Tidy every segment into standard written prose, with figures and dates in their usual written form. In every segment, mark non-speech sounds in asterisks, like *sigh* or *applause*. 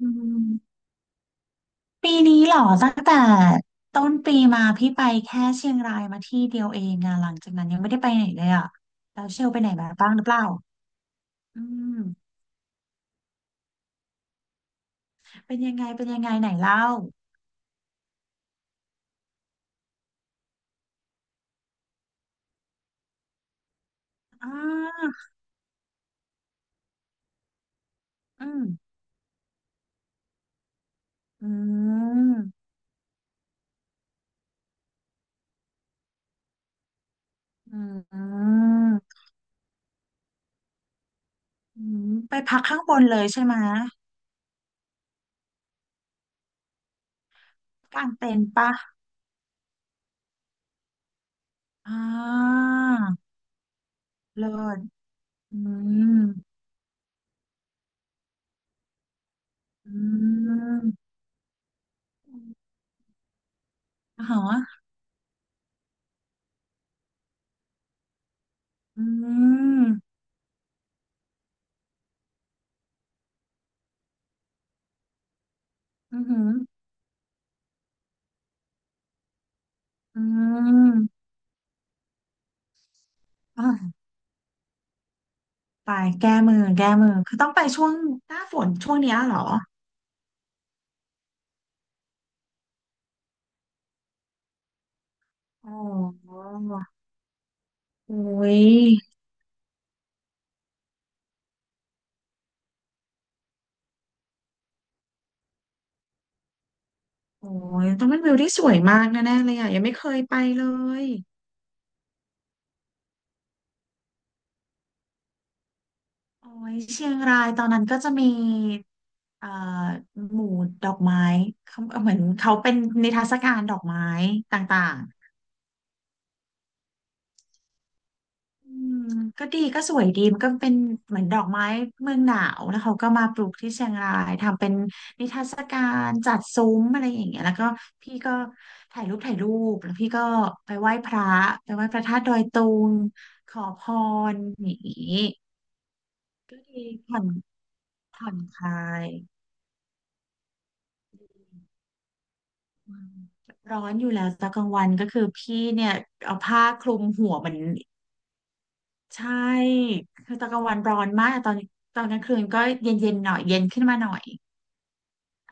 อืมปีนี้เหรอตั้งแต่ต้นปีมาพี่ไปแค่เชียงรายมาที่เดียวเองอะหลังจากนั้นยังไม่ได้ไปไหนเลยอะแล้วเชลไปไหนมาบ้างหรือเปล่าอืมเป็นยังไงเป็นยังไงไหนเล่าอ่าอืมอืมอืมอืมอืมไปพักข้างบนเลยใช่ไหมกางเต็นท์ปะอ่าเลิศอืมอืมอ๋ออืมอืมอหืออืม อ่าตายแก้มือคือต้องไปช่วงหน้าฝนช่วงเนี้ยเหรออ๋อโอ้ยโอ้ยต้องเป็นวิวที่สวยมากแน่ๆเลยอ่ะยังไม่เคยไปเลยโอ้ยเชียงรายตอนนั้นก็จะมีเอ่อหมู่ดอกไม้เขาเหมือนเขาเป็นนิทรรศการดอกไม้ต่างๆ อืมก็ดีก็สวยดีมันก็เป็นเหมือนดอกไม้เมืองหนาวแล้วเขาก็มาปลูกที่เชียงรายทำเป็นนิทรรศการจัดซุ้มอะไรอย่างเงี้ยแล้วก็พี่ก็ถ่ายรูปแล้วพี่ก็ไปไหว้พระไปไหว้พระธาตุดอยตุงขอพรอย่างงี้ก็ดีผ่อนผ่อนคลายอืมร้อนอยู่แล้วตอนกลางวันก็คือพี่เนี่ยเอาผ้าคลุมหัวเหมือน ใช่คือตอนกลางวันร้อนมากตอนกลางคืนก็เย็นเย็นหน่อยเย็นขึ้นมาหน่อย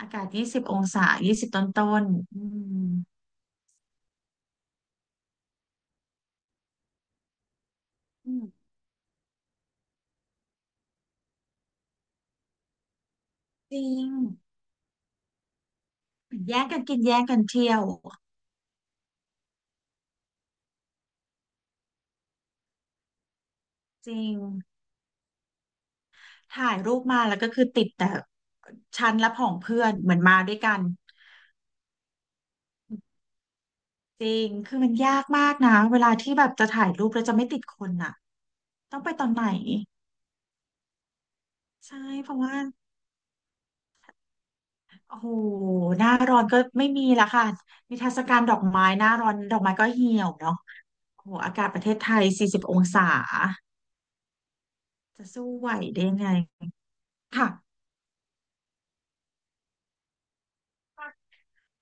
อากาศ20 องศายี่สิบต้นต้นๆอืมอืมจริงแย่งกันกินแย่งกันเที่ยวจริงถ่ายรูปมาแล้วก็คือติดแต่ชั้นและของเพื่อนเหมือนมาด้วยกันจริงคือมันยากมากนะเวลาที่แบบจะถ่ายรูปแล้วจะไม่ติดคนน่ะต้องไปตอนไหนใช่เพราะว่า โอ้โหหน้าร้อนก็ไม่มีละค่ะนิทรรศการดอกไม้หน้าร้อนดอกไม้ก็เหี่ยวเนาะโอ้โหอากาศประเทศไทย40 องศาจะสู้ไหวได้ไงค่ะ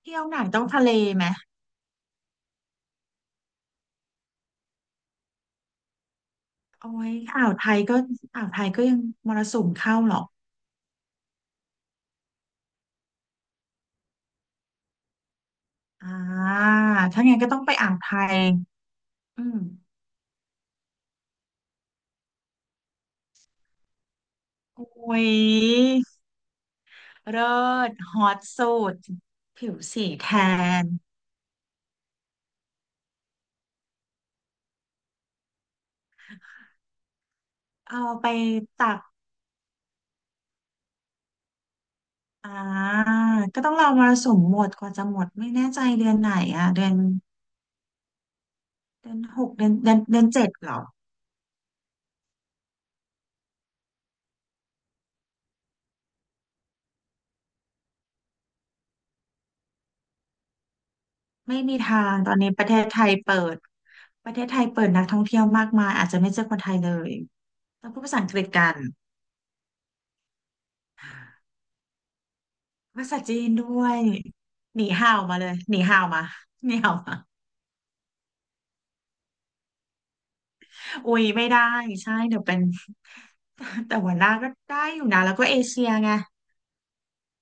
เที่ยวไหนต้องทะเลไหมโอ้ยอ่าวไทยก็อ่าวไทยก็ยังมรสุมเข้าหรอกอ่าถ้างั้นก็ต้องไปอ่าวไทยอืมโอ้ยเลิศฮอตสุดผิวสีแทนเอาไปตาก อ่าก็ต้องรอมรสุมหมดกว่าจะหมดไม่แน่ใจเดือนไหนอ่ะเดือนหกเดือนเจ็ดเหรอไม่มีทางตอนนี้ประเทศไทยเปิดนักท่องเที่ยวมากมายอาจจะไม่เจอคนไทยเลยต้องพูดภาษาอังกฤษกันภาษาจีนด้วยหนีห่าวมาเลยหนีห่าวมาหนีห่าวมาอุ้ยไม่ได้ใช่เดี๋ยวเป็น *laughs* แต่หัวหน้าก็ได้อยู่นะแล้วก็เอเชียไง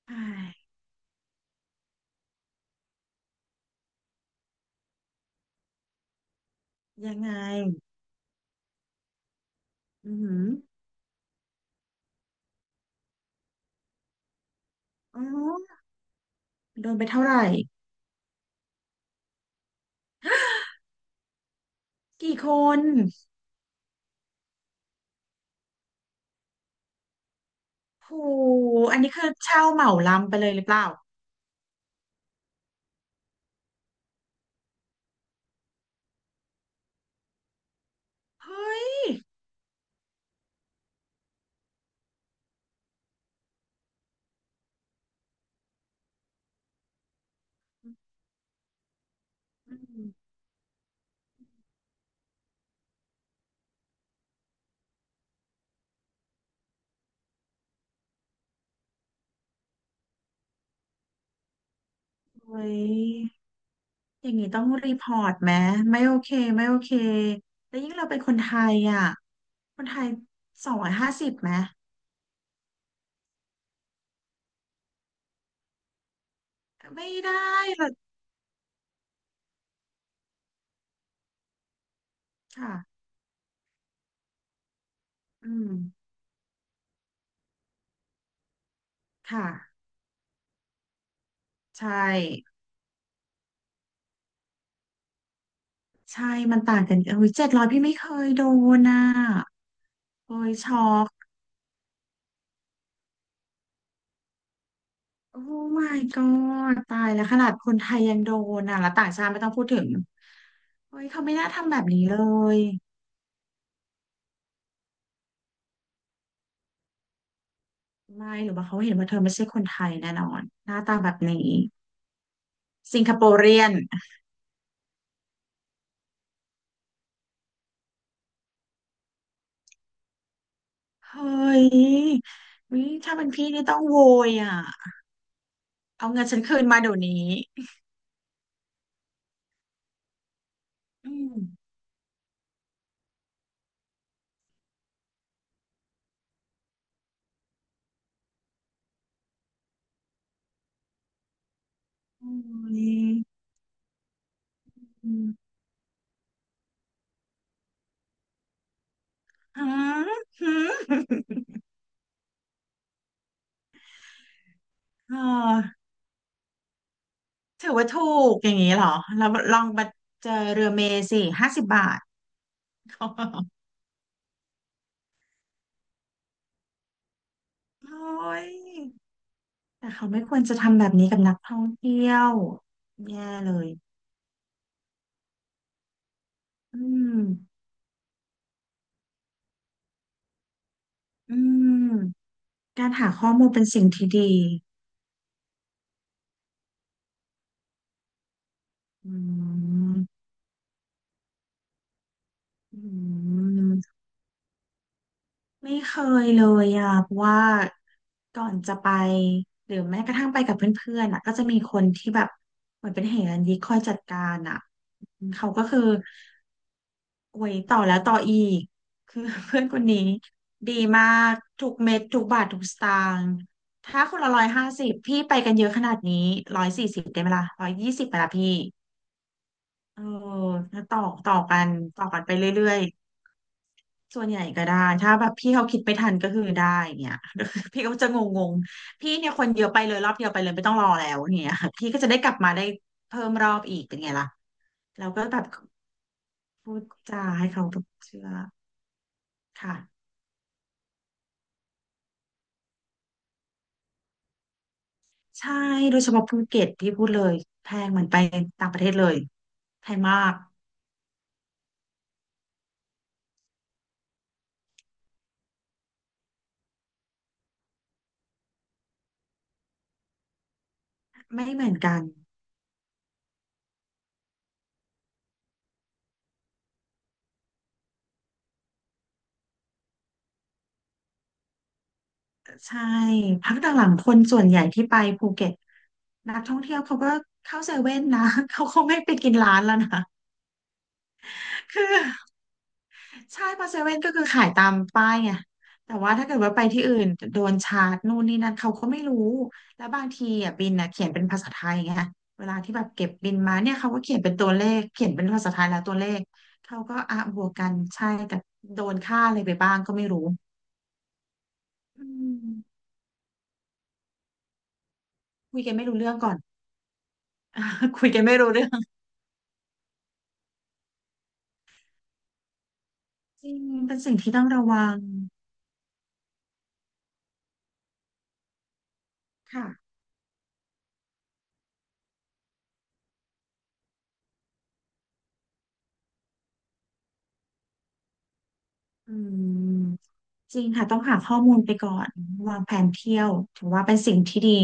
อ้ายยังไงอือหืออ๋อโดนไปเท่าไหร่ กี่คนโหอันนี้คือเช่าเหมาลำไปเลยหรือเปล่าเฮ้ยอืมเฮ้ยอย่างนี้ต้องรีพอร์ตไหมไม่โอเคไม่โอเคแล้วยิ่งเราเป็นคนไทยอ่ะคนไทย250ไหมไม่ได้หรอกค่ะอืมค่ะใช่ใช่มันต่างกันเอ้ย700พี่ไม่เคยโดนอ่ะเฮ้ยช็อก โอ้ my god ตายแล้วขนาดคนไทยยังโดนอ่ะแล้วต่างชาติไม่ต้องพูดถึงเฮ้ยเขาไม่น่าทำแบบนี้เลยไม่หรือว่าเขาเห็นว่าเธอไม่ใช่คนไทยแน่นอนหน้าตาแบบนี้สิงคโปรเรียนเฮ้ยวิถ้าเป็นพี่นี่ต้องโวยอ่ะเอาเงินฉันคืนมาเดี๋ยวนี้อืมโอ้ยอืม *laughs* ฮะฮึอ๋อถือว่าถูกอย่างนี้เหรอแล้วลองมาเจอเรือเมย์สิ50 บาท โอ้ยแต่เขาไม่ควรจะทำแบบนี้กับนักท่องเที่ยวแย่เลยอืมอืมการหาข้อมูลเป็นสิ่งที่ดีอืมอืมไม่เคยเลยอ่ะเพราะว่าก่อนจะไปหรือแม้กระทั่งไปกับเพื่อนๆอ่ะก็จะมีคนที่แบบเหมือนเป็นเหรัญญิกคอยจัดการอ่ะเขาก็คือ โอ้ยต่อแล้วต่ออีกคือ *laughs* เพื่อนคนนี้ดีมากทุกเม็ดทุกบาททุกสตางค์ถ้าคนละร้อยห้าสิบพี่ไปกันเยอะขนาดนี้140ได้ไหมล่ะ120ไปละพี่เออแล้วต่อกันต่อกันไปเรื่อยๆส่วนใหญ่ก็ได้ถ้าแบบพี่เขาคิดไม่ทันก็คือได้อย่างเงี้ย *laughs* พี่ก็จะงงๆพี่เนี่ยคนเยอะไปเลยรอบเดียวไปเลยไม่ต้องรอแล้วเนี่ยพี่ก็จะได้กลับมาได้เพิ่มรอบอีกเป็นไงล่ะเราก็แบบพูดจาให้เขาเชื่อค่ะ ใช่โดยเฉพาะภูเก็ตที่พูดเลยแพงเหมือนไปต่างประเทศเลยแพงมากไม่เหมือนกันใช่พักหลังๆคนส่วนใหญ่ที่ไปภูเก็ตนักท่องเที่ยวเขาก็เข้าเซเว่นนะ *laughs* เขาคงไม่ไปกินร้านแล้วนะคือ ใช่เพราะเซเว่นก็คือขายตามป้ายไงแต่ว่าถ้าเกิดว่าไปที่อื่นโดนชาร์จนู่นนี่นั่นเขาก็ไม่รู้แล้วบางทีอ่ะบินอ่ะเขียนเป็นภาษาไทยไงเวลาที่แบบเก็บบินมาเนี่ยเขาก็เขียนเป็นตัวเลขเขียนเป็นภาษาไทยแล้วตัวเลขเขาก็อ่ะบวกกันใช่แต่โดนค่าอะไรไปบ้างก็ไม่รู้อืมคุยกันไม่รู้เรื่องก่อน *laughs* คุยกันไม่รู้เรื่องจริงเป็นสิ่งที่ต้องระวังค่ะอืมจริงค่ะต้องหาข้อมูลไปก่อนวางแผนเที่ยวถือว่าเป็นสิ่งที่ดี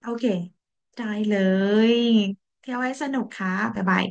โอเคได้เลย เที่ยวให้สนุกค่ะบ๊ายบาย